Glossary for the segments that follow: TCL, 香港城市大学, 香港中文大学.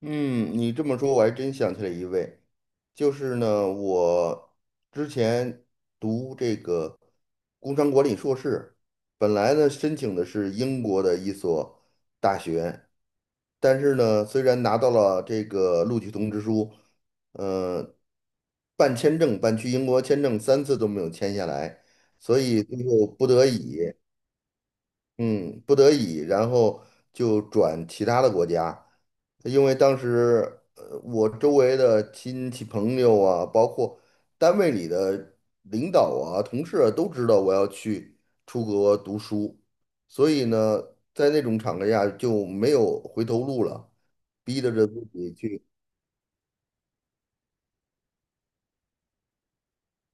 嗯，你这么说，我还真想起来一位，就是呢，我之前读这个工商管理硕士，本来呢申请的是英国的一所大学，但是呢，虽然拿到了这个录取通知书，呃，办签证，办去英国签证3次都没有签下来，所以最后不得已。嗯，不得已，然后就转其他的国家，因为当时我周围的亲戚朋友啊，包括单位里的领导啊、同事啊，都知道我要去出国读书，所以呢，在那种场合下就没有回头路了，逼着自己去。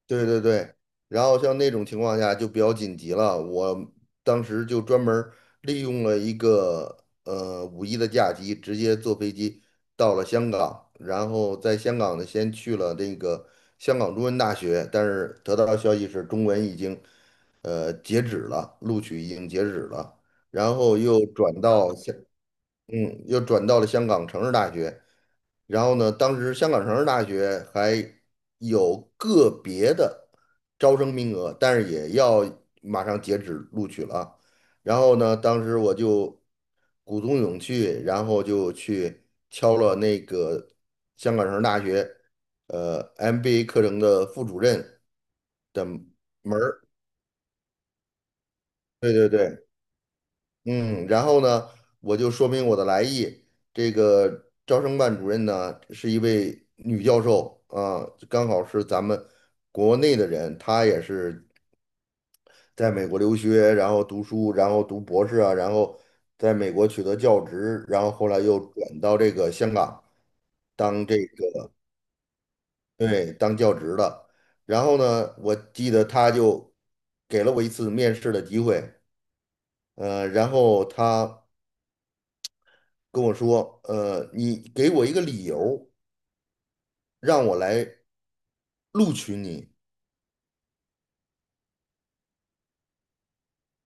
对对对，然后像那种情况下就比较紧急了，我当时就专门儿利用了一个五一的假期，直接坐飞机到了香港，然后在香港呢先去了那个香港中文大学，但是得到消息是中文已经截止了，录取已经截止了，然后又转到了香港城市大学。然后呢，当时香港城市大学还有个别的招生名额，但是也要马上截止录取了啊。然后呢，当时我就鼓足勇气，然后就去敲了那个香港城市大学MBA 课程的副主任门儿。对对对，嗯，然后呢，我就说明我的来意。这个招生办主任呢，是一位女教授啊，刚好是咱们国内的人，她也是在美国留学，然后读书，然后读博士啊，然后在美国取得教职，然后后来又转到这个香港当这个，对，当教职的。然后呢，我记得她就给了我一次面试的机会，然后她跟我说，你给我一个理由，让我来录取你。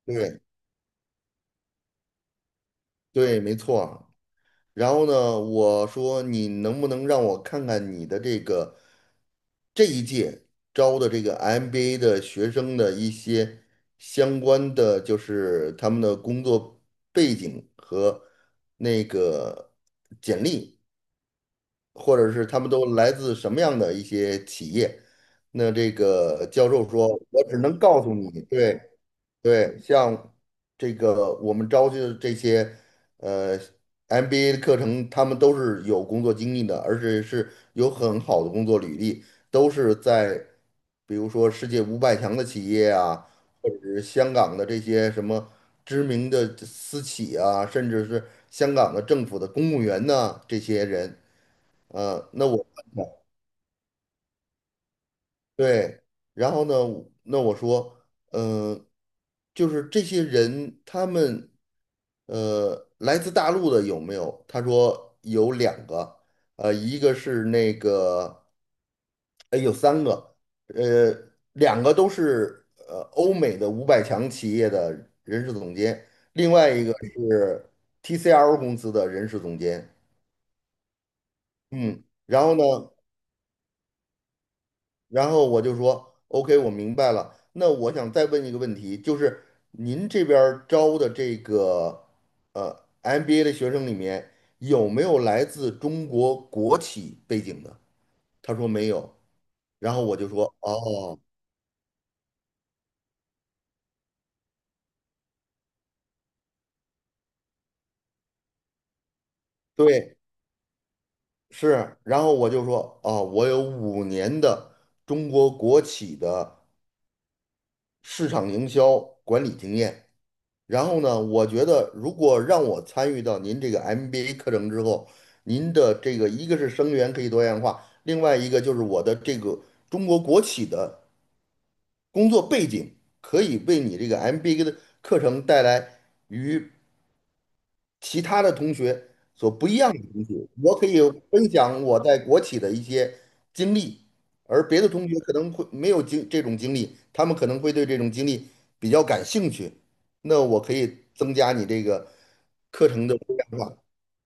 对对，没错。然后呢，我说你能不能让我看看你的这个这一届招的这个 MBA 的学生的一些相关的，就是他们的工作背景和那个简历，或者是他们都来自什么样的一些企业。那这个教授说，我只能告诉你，对对，像这个我们招去的这些呃 MBA 的课程，他们都是有工作经历的，而且是有很好的工作履历，都是在比如说世界五百强的企业啊，或者是香港的这些什么知名的私企啊，甚至是香港的政府的公务员呐，这些人。嗯，那我，对，然后呢，那我说，嗯、就是这些人，他们，来自大陆的有没有？他说有两个，一个是那个，哎，有三个，呃，两个都是欧美的五百强企业的人事总监，另外一个是 TCL 公司的人事总监。嗯，然后呢？然后我就说，OK,我明白了。那我想再问一个问题，就是您这边儿招的这个MBA 的学生里面，有没有来自中国国企背景的？他说没有。然后我就说，哦，对，是。然后我就说，哦，我有5年的中国国企的市场营销管理经验。然后呢，我觉得如果让我参与到您这个 MBA 课程之后，您的这个一个是生源可以多样化，另外一个就是我的这个中国国企的工作背景可以为你这个 MBA 的课程带来与其他的同学所不一样的东西，我可以分享我在国企的一些经历，而别的同学可能会没有这种经历，他们可能会对这种经历比较感兴趣，那我可以增加你这个课程的多样化，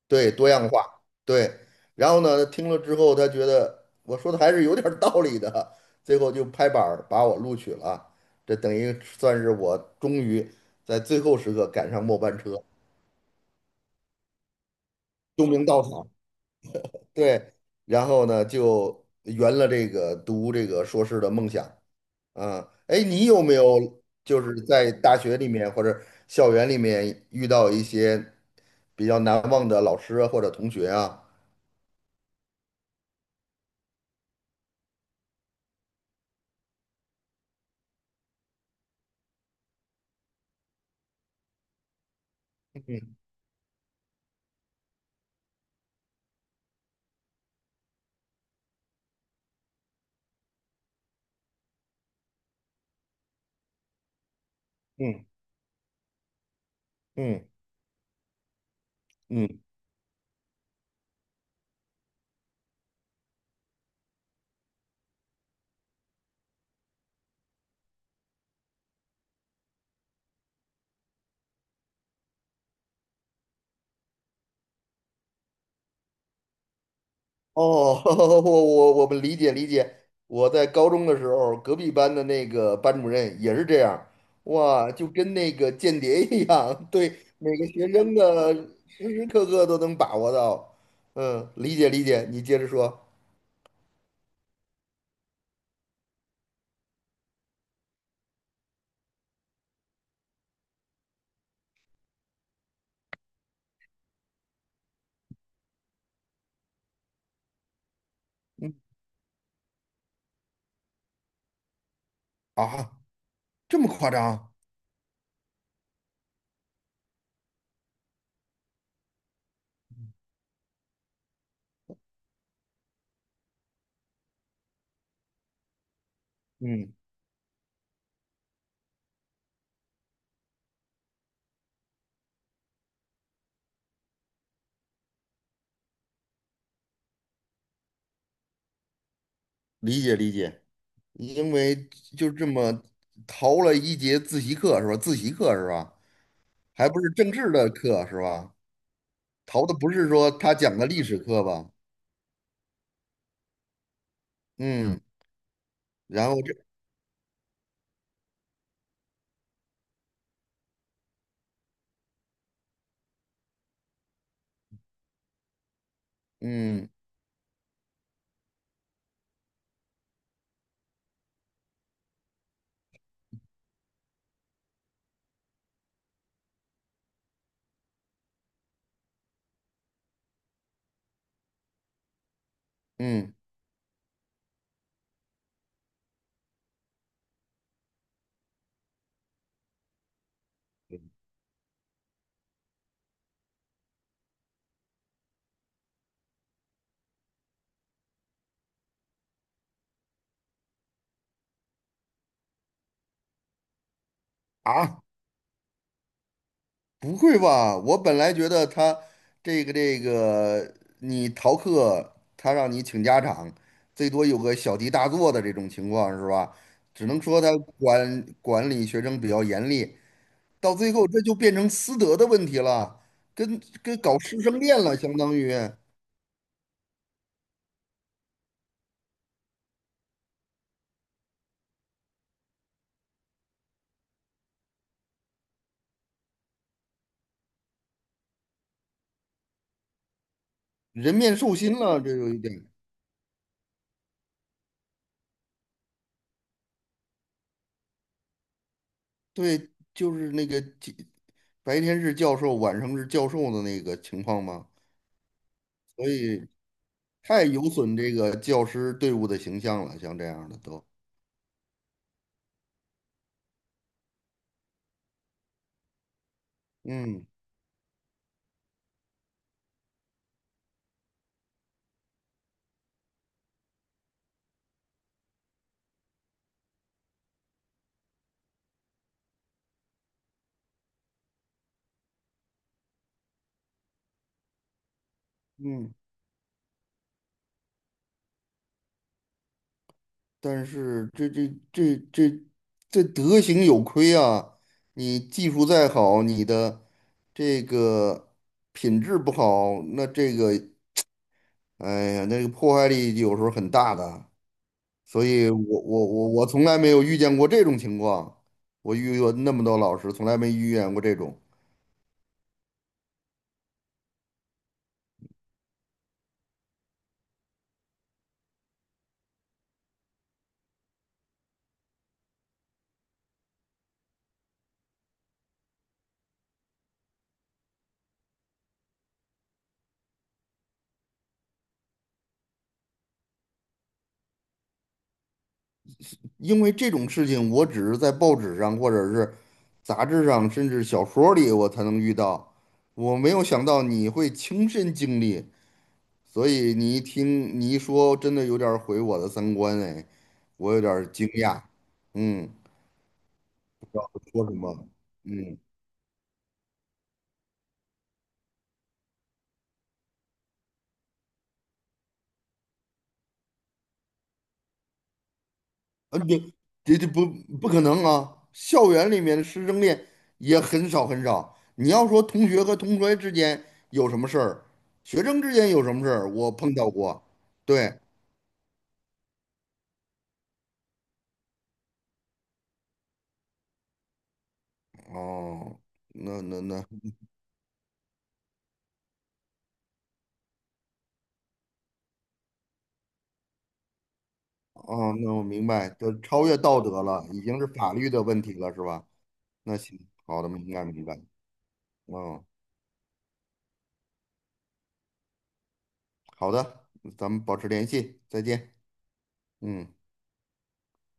对，多样化，对。然后呢，听了之后他觉得我说的还是有点儿道理的，最后就拍板儿把我录取了，这等于算是我终于在最后时刻赶上末班车，救命稻草。对，然后呢就圆了这个读这个硕士的梦想啊。哎，你有没有就是在大学里面或者校园里面遇到一些比较难忘的老师啊或者同学啊？嗯嗯嗯嗯。哦，我们理解理解。我在高中的时候，隔壁班的那个班主任也是这样，哇，就跟那个间谍一样，对，每个学生的时时刻刻都能把握到。嗯，理解理解，你接着说。嗯，啊，这么夸张？嗯，理解理解，因为就这么逃了一节自习课是吧？自习课是吧？还不是政治的课是吧？逃的不是说他讲的历史课吧？嗯。然后这，嗯嗯，啊，不会吧？我本来觉得他这个这个，你逃课，他让你请家长，最多有个小题大做的这种情况是吧？只能说他管理学生比较严厉，到最后这就变成私德的问题了，跟搞师生恋了，相当于人面兽心了，这有一点。对，就是那个白天是教授，晚上是教授的那个情况吗？所以，太有损这个教师队伍的形象了，像这样的都，嗯嗯，但是这德行有亏啊！你技术再好，你的这个品质不好，那这个，哎呀，那个破坏力有时候很大的。所以我从来没有遇见过这种情况，我遇过那么多老师，从来没遇见过这种。因为这种事情，我只是在报纸上或者是杂志上，甚至小说里我才能遇到。我没有想到你会亲身经历，所以你一听你一说，真的有点儿毁我的三观哎，我有点儿惊讶。嗯，说什么？嗯，啊，你这不可能啊！校园里面的师生恋也很少很少。你要说同学和同学之间有什么事儿，学生之间有什么事儿，我碰到过。对，哦，那，哦，那我明白，就超越道德了，已经是法律的问题了，是吧？那行，好的，明白明白。嗯，好的，咱们保持联系，再见。嗯。